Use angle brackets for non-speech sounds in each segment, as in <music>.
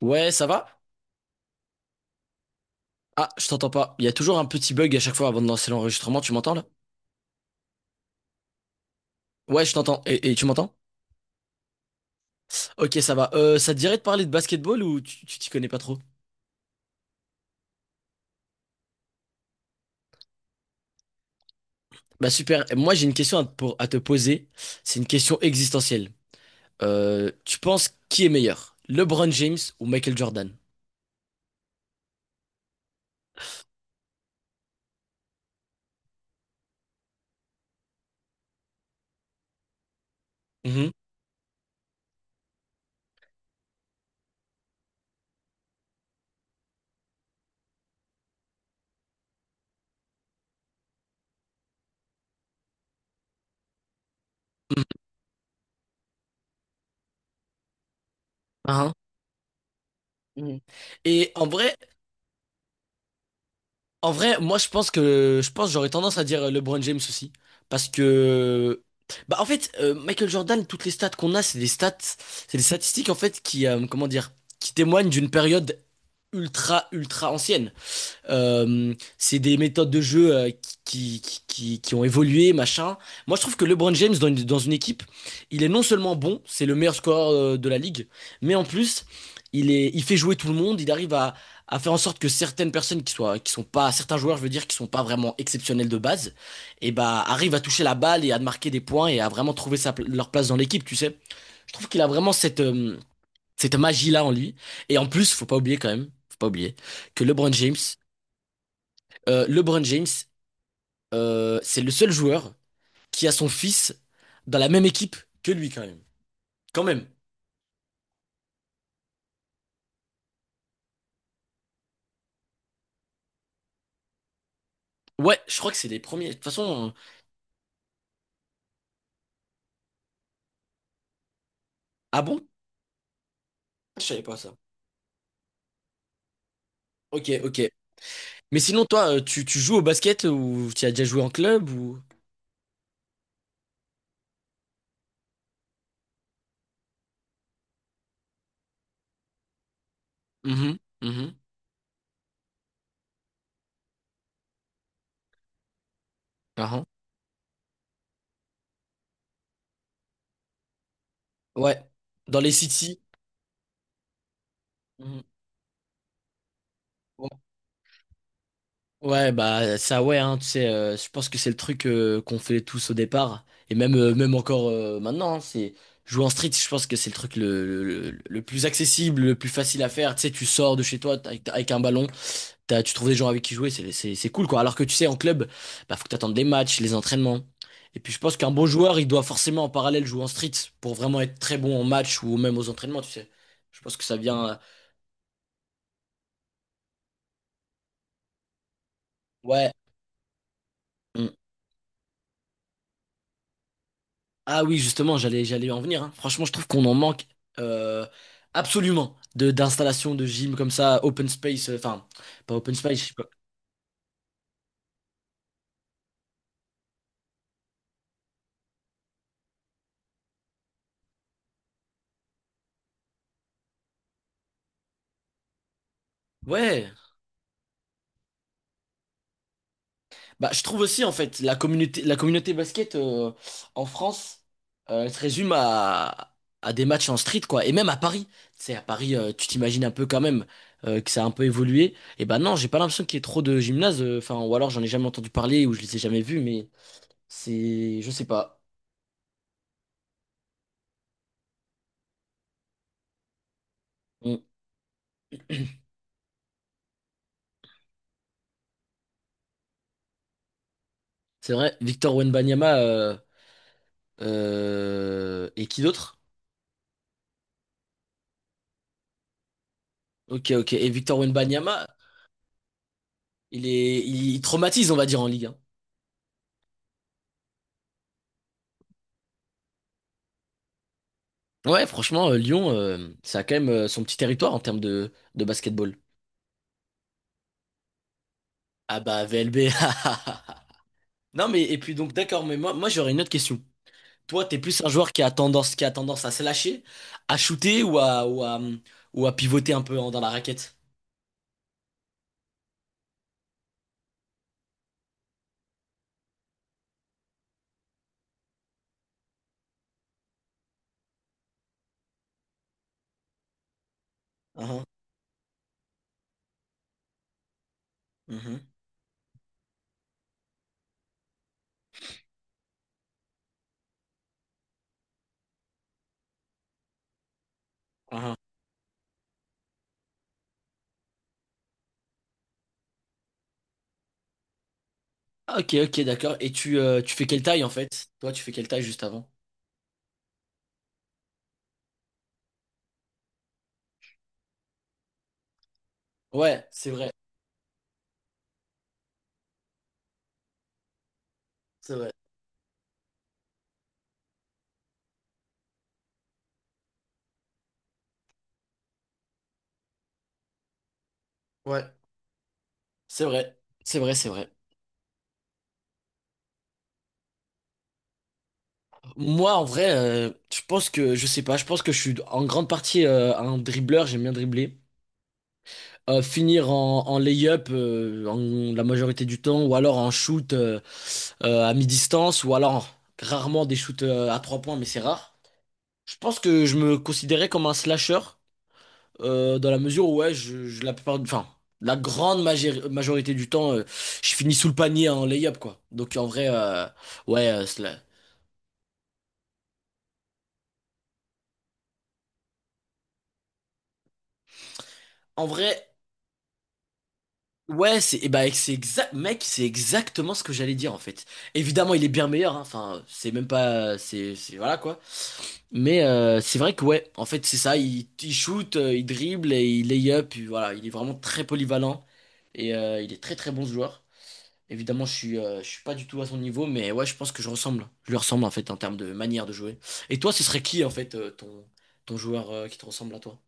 Ouais, ça va? Ah, je t'entends pas. Il y a toujours un petit bug à chaque fois avant de lancer l'enregistrement. Tu m'entends là? Ouais, je t'entends. Et tu m'entends? Ok, ça va. Ça te dirait de parler de basketball ou tu t'y connais pas trop? Bah super. Moi, j'ai une question à te, à te poser. C'est une question existentielle. Tu penses qui est meilleur? LeBron James ou Michael Jordan? Mhm. Mhm. Mhm. Et en vrai, En vrai, moi je pense que j'aurais tendance à dire LeBron James aussi parce que bah en fait Michael Jordan, toutes les stats qu'on a c'est des stats, c'est des statistiques en fait qui comment dire, qui témoignent d'une période ultra ultra ancienne. C'est des méthodes de jeu qui ont évolué, machin. Moi, je trouve que LeBron James, dans une équipe, il est non seulement bon, c'est le meilleur scoreur de la ligue, mais en plus, il fait jouer tout le monde, il arrive à faire en sorte que certaines personnes qui soient, qui sont pas, certains joueurs, je veux dire, qui sont pas vraiment exceptionnels de base, et bah, arrivent à toucher la balle et à marquer des points et à vraiment trouver leur place dans l'équipe, tu sais. Je trouve qu'il a vraiment cette, cette magie-là en lui. Et en plus, faut pas oublier que LeBron James, euh, LeBron James, c'est le seul joueur qui a son fils dans la même équipe que lui, quand même. Quand même. Ouais, je crois que c'est les premiers. De toute façon, ah bon? Je savais pas ça. Ok, ok. Mais sinon, toi, tu joues au basket ou tu as déjà joué en club ou... Mhm, mhm. Ah, ah. Ouais, dans les cities. Mhm. Ouais, bah ça ouais, hein, tu sais, je pense que c'est le truc qu'on fait tous au départ, et même, même encore maintenant, hein, c'est jouer en street, je pense que c'est le truc le plus accessible, le plus facile à faire, tu sais, tu sors de chez toi avec, avec un ballon, tu trouves des gens avec qui jouer, c'est cool quoi, alors que tu sais, en club, bah faut que t'attendes les matchs, les entraînements, et puis je pense qu'un bon joueur, il doit forcément en parallèle jouer en street, pour vraiment être très bon en match ou même aux entraînements, tu sais, je pense que ça vient, ouais. mm. Ah oui, justement, j'allais en venir. Hein. Franchement, je trouve qu'on en manque euh, absolument de d'installations de gym comme ça, open space, enfin pas open space, je sais pas. Ouais. Bah, je trouve aussi en fait la communauté basket en France, elle se résume à des matchs en street quoi, et même à Paris. Tu sais, à Paris, tu t'imagines un peu quand même que ça a un peu évolué. Et ben non, j'ai pas l'impression qu'il y ait trop de gymnases, enfin ou alors j'en ai jamais entendu parler ou je les ai jamais vus, mais c'est je sais pas. C'est vrai, Victor Wembanyama et qui d'autre? Ok, ok. Et Victor Wembanyama, il, traumatise, on va dire, en Ligue 1. Ouais, franchement, Lyon, ça a quand même son petit territoire en termes de basketball. Ah bah, VLB. <laughs> Non, mais et puis donc, d'accord, mais moi j'aurais une autre question. Toi, t'es plus un joueur qui a tendance à se lâcher, à shooter ou à pivoter un peu dans la raquette? Uhum, uhum, uhum. Ah, ok, ok, d'accord. Et tu fais quelle taille en fait? Toi, tu fais quelle taille juste avant? Ouais, c'est vrai, c'est vrai. Ouais, c'est vrai, c'est vrai, c'est vrai. Moi, en vrai, je pense que, je sais pas, je pense que je suis en grande partie un dribbleur, j'aime bien dribbler. Finir en, en lay-up la majorité du temps, ou alors en shoot à mi-distance, ou alors rarement des shoots à trois points, mais c'est rare. Je pense que je me considérais comme un slasher, dans la mesure où, ouais, la plupart, enfin, la grande majorité du temps, je finis sous le panier en lay-up, quoi. Donc, en vrai, ouais, en vrai, ouais, c'est, eh ben, c'est exact, mec, c'est exactement ce que j'allais dire, en fait. Évidemment, il est bien meilleur, hein. Enfin, c'est même pas, voilà, quoi. Mais, c'est vrai que, ouais, en fait, c'est ça, il shoot, il dribble et il lay-up, et voilà, il est vraiment très polyvalent et il est très, très bon ce joueur. Évidemment, je suis pas du tout à son niveau, mais ouais, je pense que je ressemble. Je lui ressemble en fait en termes de manière de jouer. Et toi, ce serait qui en fait ton joueur qui te ressemble à toi?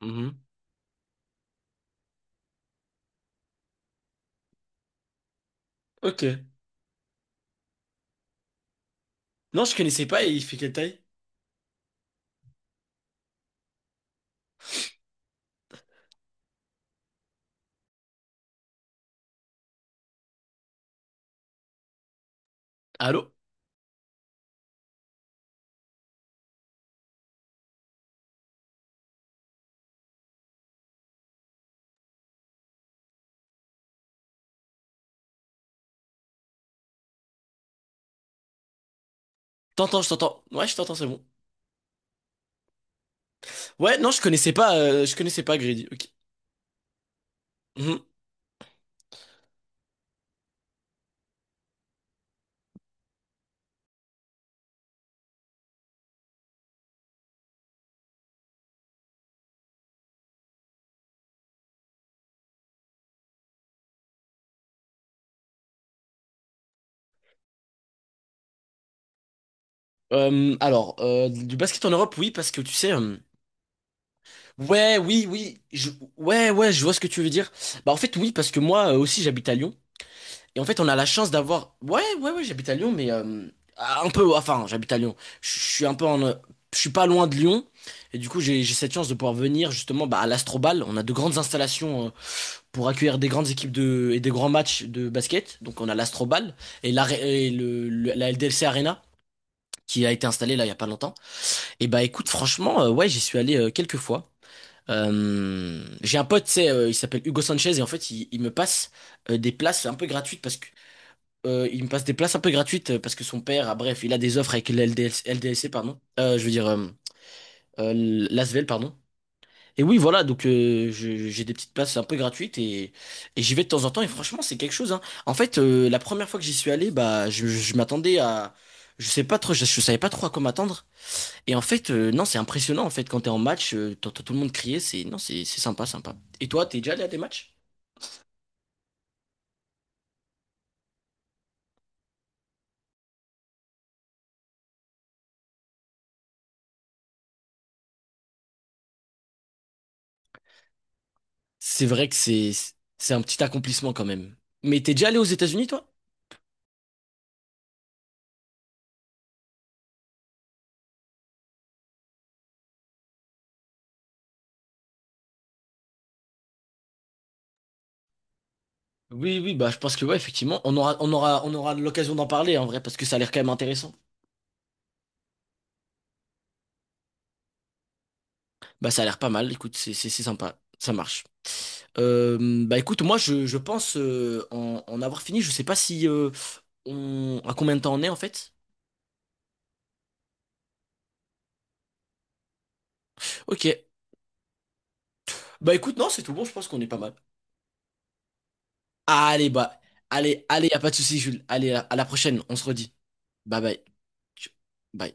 Mhm. Ok. Non, je connaissais pas et il fait quelle taille? Allô? T'entends, je t'entends. Ouais, je t'entends, c'est bon. Ouais, non, je connaissais pas, Grady. Ok. Mhm. Alors, du basket en Europe, oui, parce que tu sais. Ouais, oui, oui. je- Ouais, ouais, je vois ce que tu veux dire. Bah, en fait, oui, parce que moi aussi, j'habite à Lyon. Et en fait, on a la chance d'avoir. Ouais, ouais, ouais, j'habite à Lyon, mais un peu. Enfin, j'habite à Lyon. Je suis un peu en. Je suis pas loin de Lyon. Et du coup, j'ai cette chance de pouvoir venir justement bah, à l'Astrobal. On a de grandes installations pour accueillir des grandes équipes de, et des grands matchs de basket. Donc, on a l'Astrobal et la LDLC Arena qui a été installée là il y a pas longtemps. Et bah, écoute, franchement, ouais, j'y suis allé quelques fois. J'ai un pote, tu sais, il s'appelle Hugo Sanchez et en fait, il me passe des places un peu gratuites parce que il me passe des places un peu gratuites parce que son père, ah, bref, il a des offres avec l'LDS, LDLC, pardon. Je veux dire, euh, l'Asvel, pardon. Et oui, voilà, donc je- j'ai des petites places un peu gratuites et j'y vais de temps en temps et franchement, c'est quelque chose, hein. En fait, la première fois que j'y suis allé, bah, je m'attendais à. Je sais pas trop, je savais pas trop à quoi m'attendre. Et en fait, non, c'est impressionnant, en fait, quand t'es en match, t'entends tout le monde crier, c'est. Non, c'est sympa, sympa. Et toi, t'es déjà allé à des matchs? C'est vrai que c'est un petit accomplissement quand même. Mais t'es déjà allé aux États-Unis, toi? Oui, oui, bah je pense que ouais, effectivement, on aura l'occasion d'en parler en vrai, parce que ça a l'air quand même intéressant. Bah ça a l'air pas mal, écoute, c'est sympa, ça marche. Euh, bah écoute, moi je pense en avoir fini, je sais pas si on à combien de temps on est en fait. Ok. Bah écoute, non, c'est tout bon, je pense qu'on est pas mal. Allez, bah, allez, y a pas de souci, Jules. Allez, à la prochaine, on se redit. Bye bye. Bye.